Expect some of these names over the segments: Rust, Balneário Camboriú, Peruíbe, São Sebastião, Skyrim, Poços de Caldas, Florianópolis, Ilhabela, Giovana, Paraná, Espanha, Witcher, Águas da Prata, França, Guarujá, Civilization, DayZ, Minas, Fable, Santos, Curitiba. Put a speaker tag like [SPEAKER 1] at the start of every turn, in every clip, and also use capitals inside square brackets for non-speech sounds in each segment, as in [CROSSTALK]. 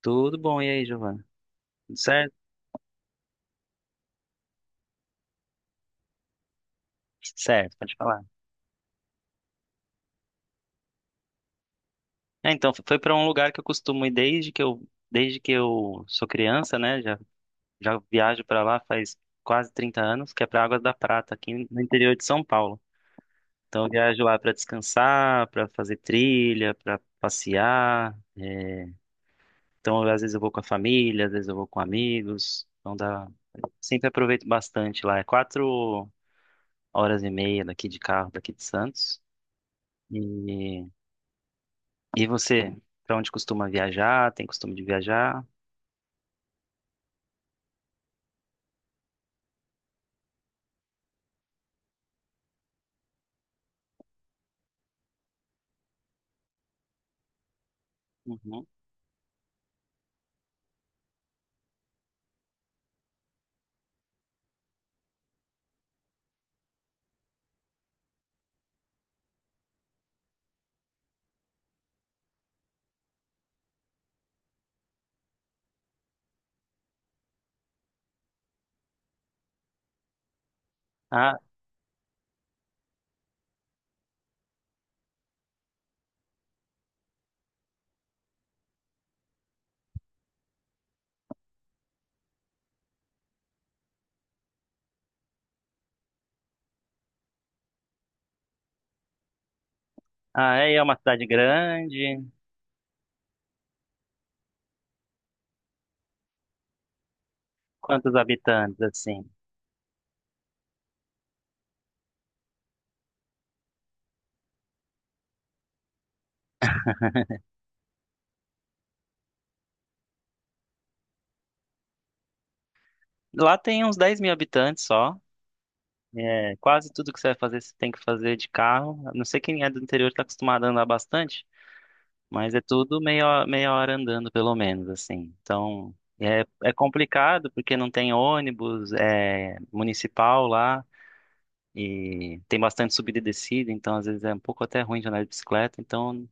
[SPEAKER 1] Tudo bom, e aí, Giovana? Tudo certo? Certo, pode falar. É, então, foi para um lugar que eu costumo ir desde que eu sou criança, né? Já viajo para lá faz quase 30 anos, que é para Águas da Prata, aqui no interior de São Paulo. Então, eu viajo lá para descansar, para fazer trilha, para passear. Então, às vezes eu vou com a família, às vezes eu vou com amigos. Sempre aproveito bastante lá. É 4 horas e meia daqui de carro, daqui de Santos. E E você, para onde costuma viajar? Tem costume de viajar? Uhum. Ah, ah, é uma cidade grande. Quantos habitantes, assim? Lá tem uns 10 mil habitantes só. É, quase tudo que você vai fazer, você tem que fazer de carro. A não sei quem é do interior está acostumado a andar bastante, mas é tudo meia hora andando, pelo menos, assim. Então, é, é complicado porque não tem ônibus, é municipal lá. E tem bastante subida e descida, então às vezes é um pouco até ruim de andar de bicicleta. Então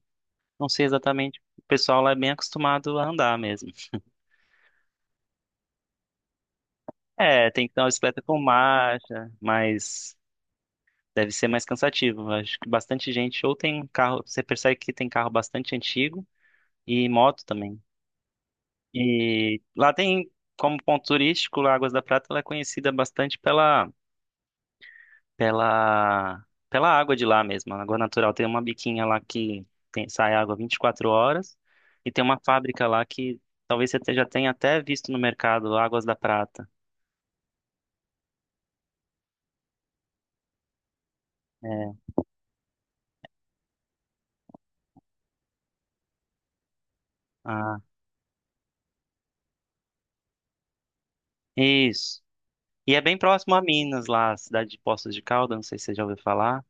[SPEAKER 1] não sei exatamente. O pessoal lá é bem acostumado a andar mesmo. É, tem que ter uma bicicleta com marcha, mas deve ser mais cansativo. Acho que bastante gente ou tem carro, você percebe que tem carro bastante antigo e moto também. E lá tem, como ponto turístico, lá Águas da Prata, ela é conhecida bastante pela pela água de lá mesmo. A água natural tem uma biquinha lá que tem, sai água 24 horas e tem uma fábrica lá que talvez você já tenha até visto no mercado, Águas da Prata. É. Ah, isso. E é bem próximo a Minas, lá, a cidade de Poços de Caldas, não sei se você já ouviu falar.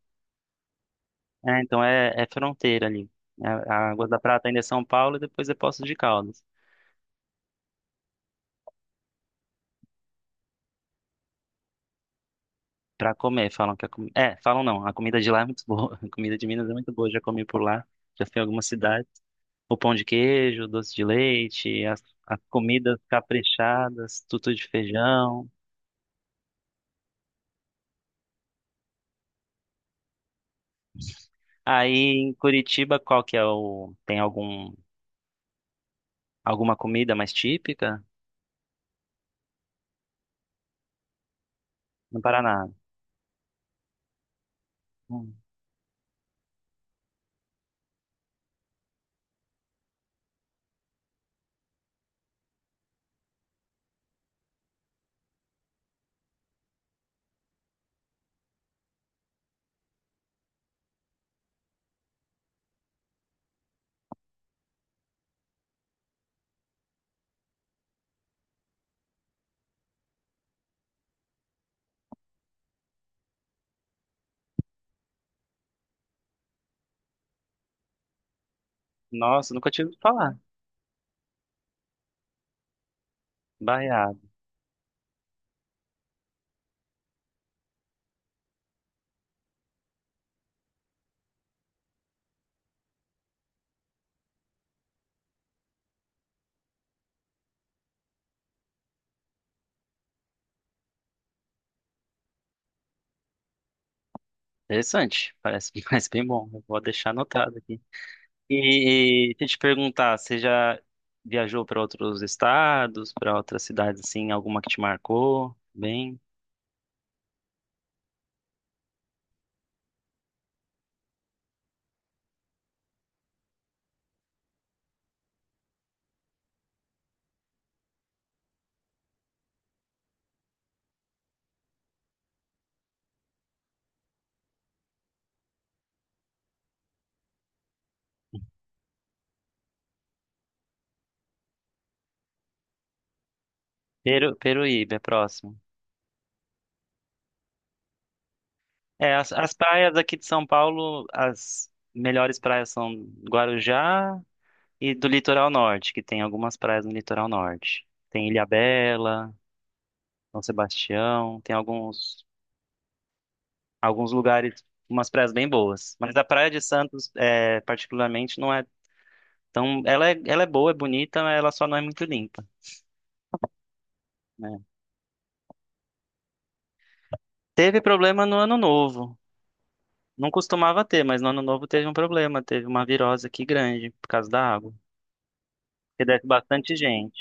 [SPEAKER 1] É, então é, é fronteira ali. É, a Água da Prata ainda é São Paulo e depois é Poços de Caldas. Pra comer, falam que a comida. É, falam não, a comida de lá é muito boa. [LAUGHS] A comida de Minas é muito boa, já comi por lá, já fui em algumas cidades. O pão de queijo, o doce de leite, as comidas caprichadas, tutu de feijão. Aí em Curitiba, qual que é o. Tem alguma comida mais típica? No Paraná. Hum. Nossa, nunca tinha ouvido falar. Baiado. Interessante. Parece, [LAUGHS] parece bem bom. Eu vou deixar anotado aqui. E deixa eu te perguntar, você já viajou para outros estados, para outras cidades assim, alguma que te marcou? Bem, Peru, Peruíbe é próximo. É, as praias aqui de São Paulo, as melhores praias são Guarujá e do litoral norte, que tem algumas praias no litoral norte. Tem Ilhabela, São Sebastião, tem alguns lugares, umas praias bem boas. Mas a Praia de Santos, é, particularmente, não é tão. Ela é boa, é bonita, mas ela só não é muito limpa, né? Teve problema no Ano Novo. Não costumava ter, mas no Ano Novo teve um problema. Teve uma virose aqui grande por causa da água. Que desce bastante gente.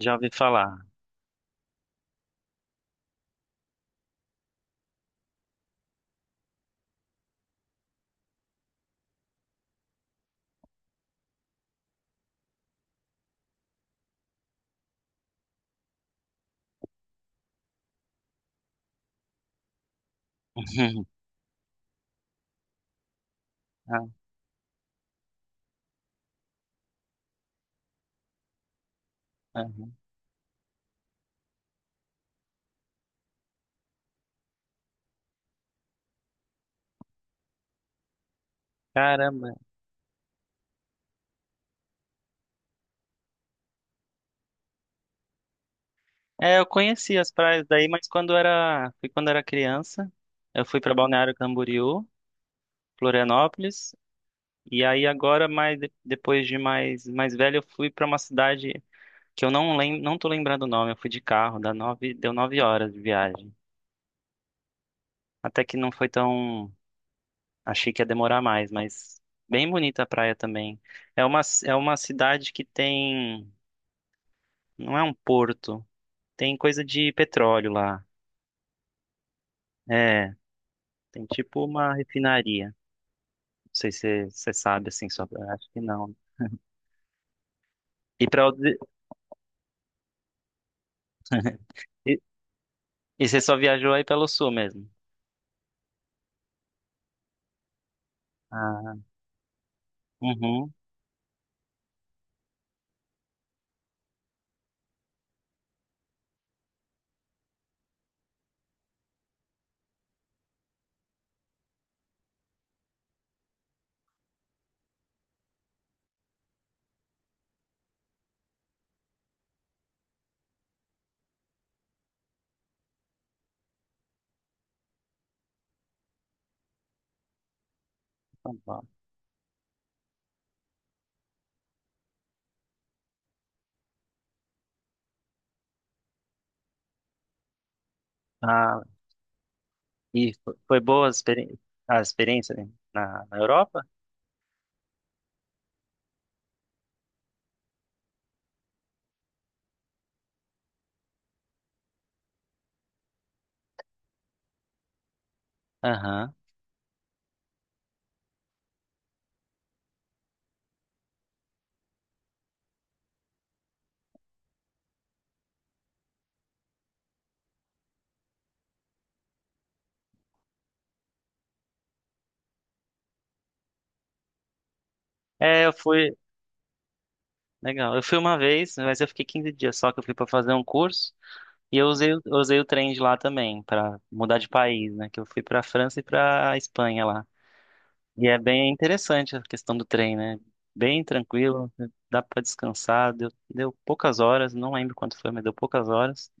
[SPEAKER 1] Já ouvi falar. [LAUGHS] Ah, ah. Caramba. É, eu conheci as praias daí, mas quando era, foi quando era criança, eu fui para Balneário Camboriú, Florianópolis. E aí agora, mais depois de mais velho, eu fui para uma cidade que eu não tô lembrando o nome. Eu fui de carro, deu 9 horas de viagem. Até que não foi tão, achei que ia demorar mais, mas bem bonita a praia também. É uma cidade que tem, não é um porto, tem coisa de petróleo lá. É, tem tipo uma refinaria. Não sei se você sabe assim, só acho que não. E para e, e você só viajou aí pelo sul mesmo. Ah, uhum. Ah, e foi boa a experiência, né, na, na Europa? Aham. É, eu fui. Legal. Eu fui uma vez, mas eu fiquei 15 dias só que eu fui para fazer um curso. E eu usei o trem de lá também, para mudar de país, né? Que eu fui para França e para Espanha lá. E é bem interessante a questão do trem, né? Bem tranquilo, dá para descansar. Deu poucas horas, não lembro quanto foi, mas deu poucas horas.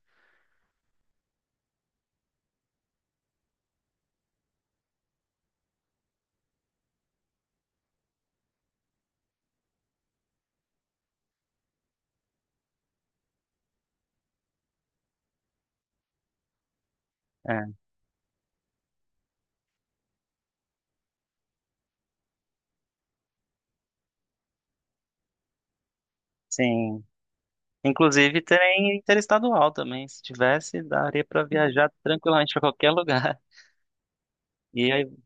[SPEAKER 1] É, sim. Inclusive, trem interestadual também. Se tivesse, daria para viajar tranquilamente para qualquer lugar. [LAUGHS] E aí,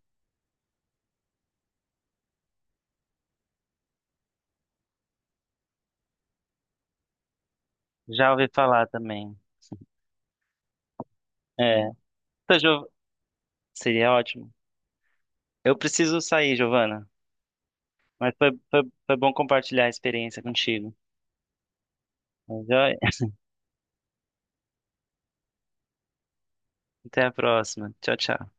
[SPEAKER 1] já ouvi falar também. É. Então, Giov... Seria ótimo. Eu preciso sair, Giovana. Mas foi bom compartilhar a experiência contigo. Mas, ó, [LAUGHS] até a próxima. Tchau, tchau.